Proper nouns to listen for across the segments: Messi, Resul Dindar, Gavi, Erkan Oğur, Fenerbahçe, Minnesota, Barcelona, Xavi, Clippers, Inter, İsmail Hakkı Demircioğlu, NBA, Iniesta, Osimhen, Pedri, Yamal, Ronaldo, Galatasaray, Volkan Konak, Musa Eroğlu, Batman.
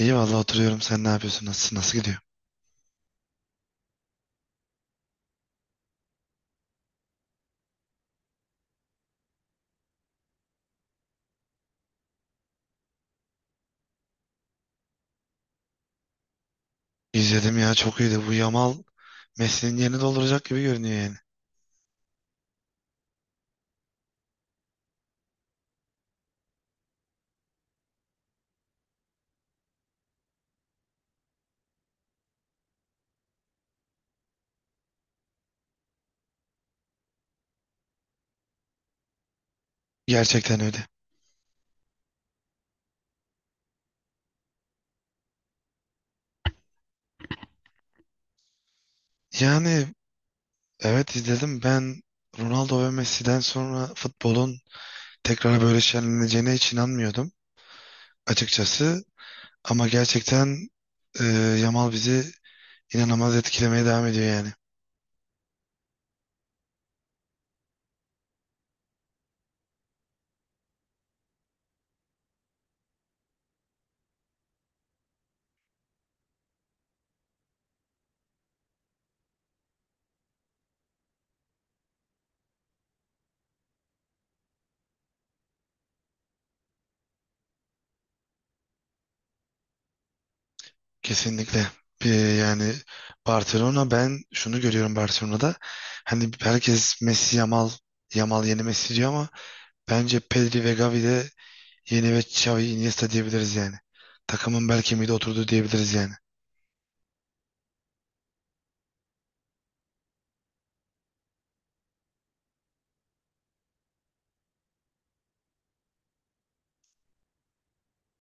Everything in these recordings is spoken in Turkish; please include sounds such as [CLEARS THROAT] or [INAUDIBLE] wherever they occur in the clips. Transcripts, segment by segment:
İyi vallahi oturuyorum. Sen ne yapıyorsun? Nasılsın? Nasıl gidiyor? İzledim ya, çok iyiydi. Bu Yamal Messi'nin yerini dolduracak gibi görünüyor yani. Gerçekten öyle. Yani evet, izledim. Ben Ronaldo ve Messi'den sonra futbolun tekrar böyle şenleneceğine hiç inanmıyordum açıkçası. Ama gerçekten e, Yamal bizi inanılmaz etkilemeye devam ediyor yani. Kesinlikle. Bir, yani Barcelona, ben şunu görüyorum Barcelona'da. Hani herkes Messi Yamal, yeni Messi diyor ama bence Pedri ve Gavi de yeni ve Xavi Iniesta diyebiliriz yani. Takımın bel kemiği de oturdu diyebiliriz yani.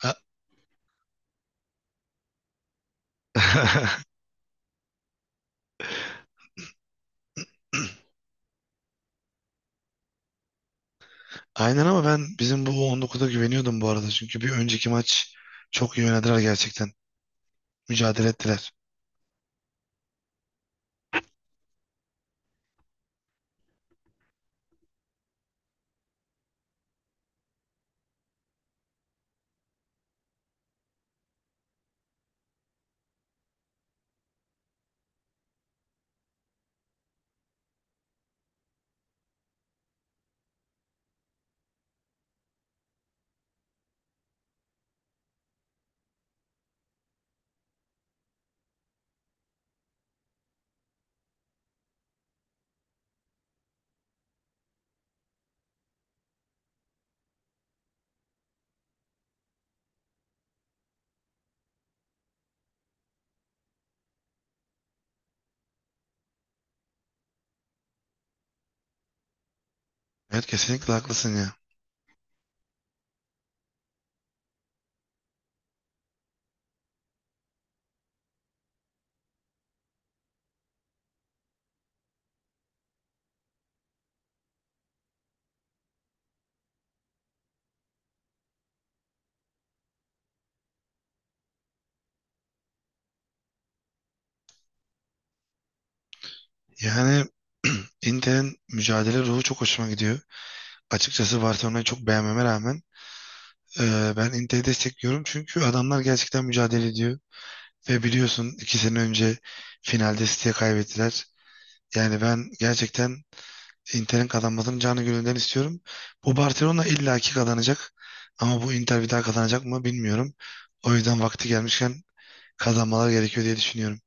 A- [CLEARS THROAT] [LAUGHS] Aynen, ama ben bizim bu 19'a güveniyordum bu arada. Çünkü bir önceki maç çok iyi oynadılar gerçekten. Mücadele ettiler. Evet, kesinlikle haklısın ya. Yani Inter'in mücadele ruhu çok hoşuma gidiyor. Açıkçası Barcelona'yı çok beğenmeme rağmen ben Inter'i destekliyorum. Çünkü adamlar gerçekten mücadele ediyor. Ve biliyorsun, iki sene önce finalde City'ye kaybettiler. Yani ben gerçekten Inter'in kazanmasını canı gönülden istiyorum. Bu Barcelona illaki kazanacak. Ama bu Inter bir daha kazanacak mı bilmiyorum. O yüzden vakti gelmişken kazanmalar gerekiyor diye düşünüyorum.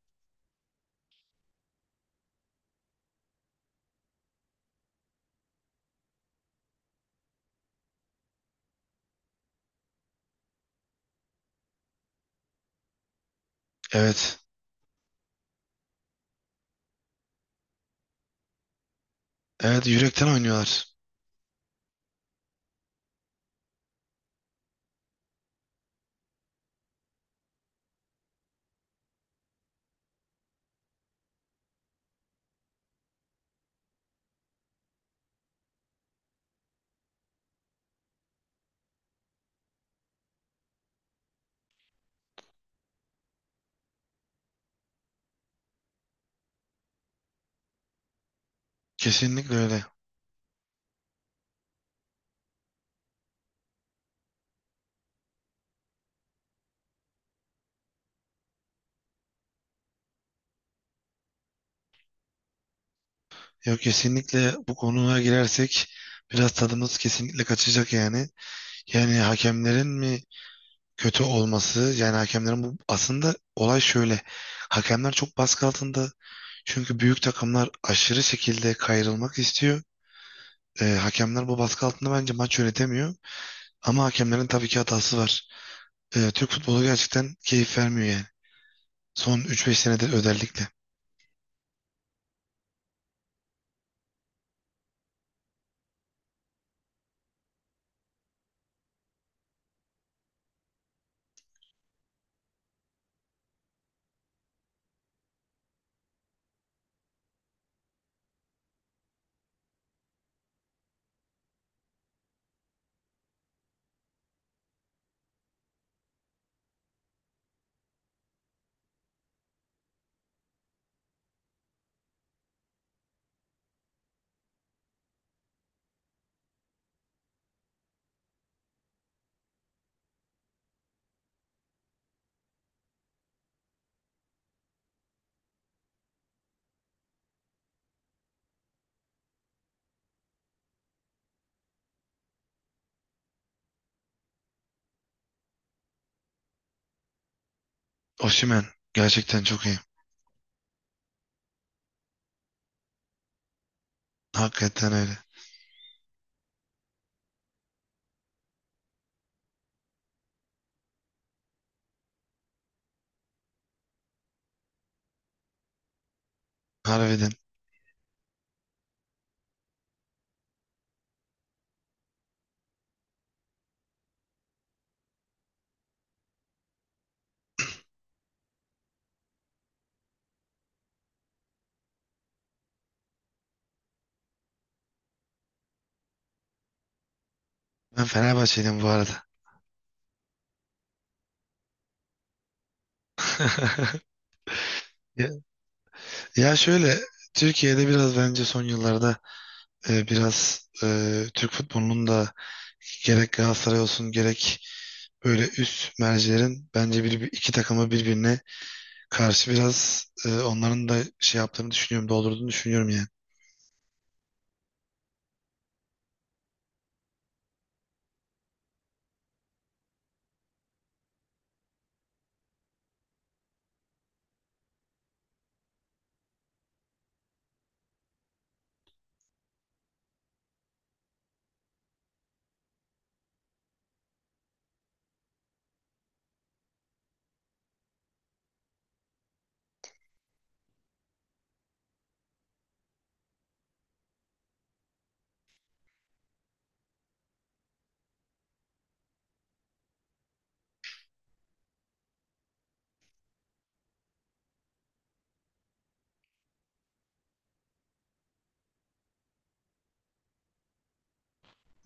Evet. Evet, yürekten oynuyorlar. Kesinlikle öyle. Yok, kesinlikle bu konuya girersek biraz tadımız kesinlikle kaçacak yani. Yani hakemlerin mi kötü olması, yani hakemlerin, bu aslında olay şöyle. Hakemler çok baskı altında. Çünkü büyük takımlar aşırı şekilde kayrılmak istiyor. Hakemler bu baskı altında bence maç yönetemiyor. Ama hakemlerin tabii ki hatası var. Türk futbolu gerçekten keyif vermiyor yani. Son üç beş senedir özellikle. Osimhen gerçekten çok iyi. Hakikaten öyle. Harbiden. Ben Fenerbahçeliyim bu arada. [LAUGHS] Ya, ya şöyle, Türkiye'de biraz bence son yıllarda biraz Türk futbolunun da gerek Galatasaray olsun gerek böyle üst mercilerin bence bir, iki takımı birbirine karşı biraz, onların da şey yaptığını düşünüyorum, doldurduğunu düşünüyorum yani.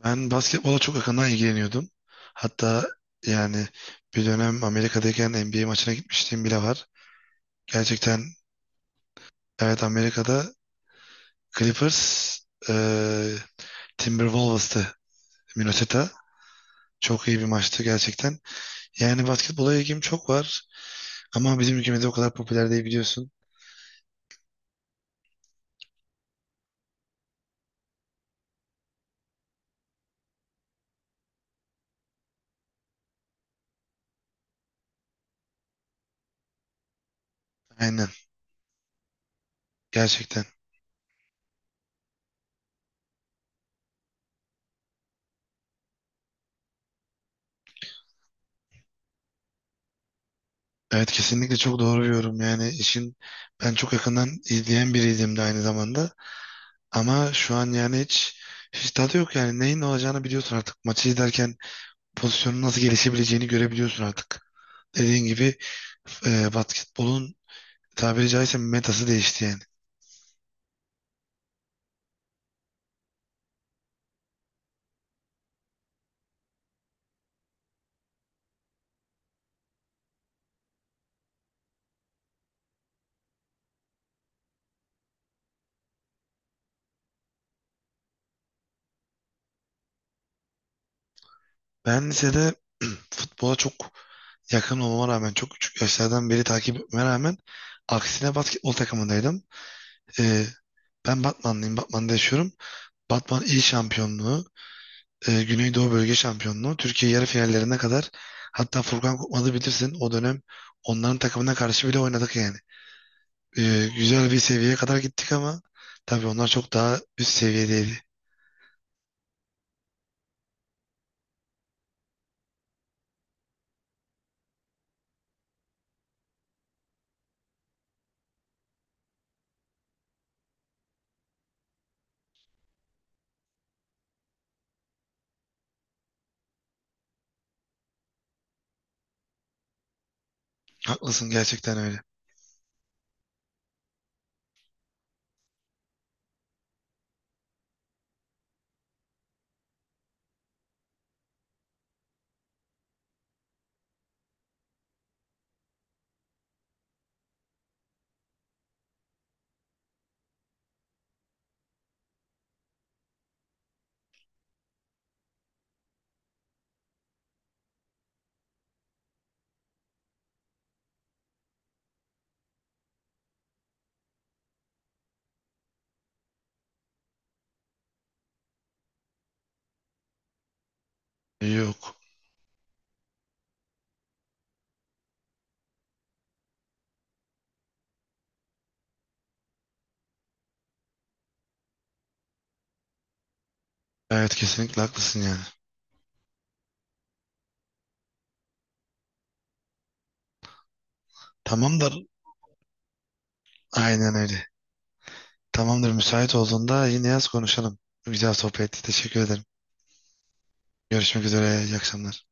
Ben basketbola çok yakından ilgileniyordum. Hatta yani bir dönem Amerika'dayken NBA maçına gitmişliğim bile var. Gerçekten evet, Amerika'da Clippers, e, Timberwolves'tı, Minnesota. Çok iyi bir maçtı gerçekten. Yani basketbola ilgim çok var ama bizim ülkemizde o kadar popüler değil, biliyorsun. Aynen, gerçekten. Evet, kesinlikle çok doğru bir yorum. Yani işin, ben çok yakından izleyen biriydim de aynı zamanda. Ama şu an yani hiç, hiç tadı yok yani. Neyin ne olacağını biliyorsun artık. Maçı izlerken pozisyonun nasıl gelişebileceğini görebiliyorsun artık. Dediğin gibi, basketbolun tabiri caizse metası değişti yani. Ben lisede futbola çok yakın olmama rağmen, çok küçük yaşlardan beri takip etmeme rağmen, aksine basketbol takımındaydım. Ee, Ben Batmanlıyım. Batman'da yaşıyorum. Batman il şampiyonluğu, Güneydoğu Bölge Şampiyonluğu, Türkiye yarı finallerine kadar, hatta Furkan Korkmaz'ı bilirsin o dönem, onların takımına karşı bile oynadık yani. E, güzel bir seviyeye kadar gittik ama tabii onlar çok daha üst seviyedeydi. Haklısın, gerçekten öyle. Yok. Evet, kesinlikle haklısın yani. Tamamdır. Aynen öyle. Tamamdır. Müsait olduğunda yine yaz, konuşalım. Güzel sohbetti. Teşekkür ederim. Görüşmek üzere. İyi akşamlar.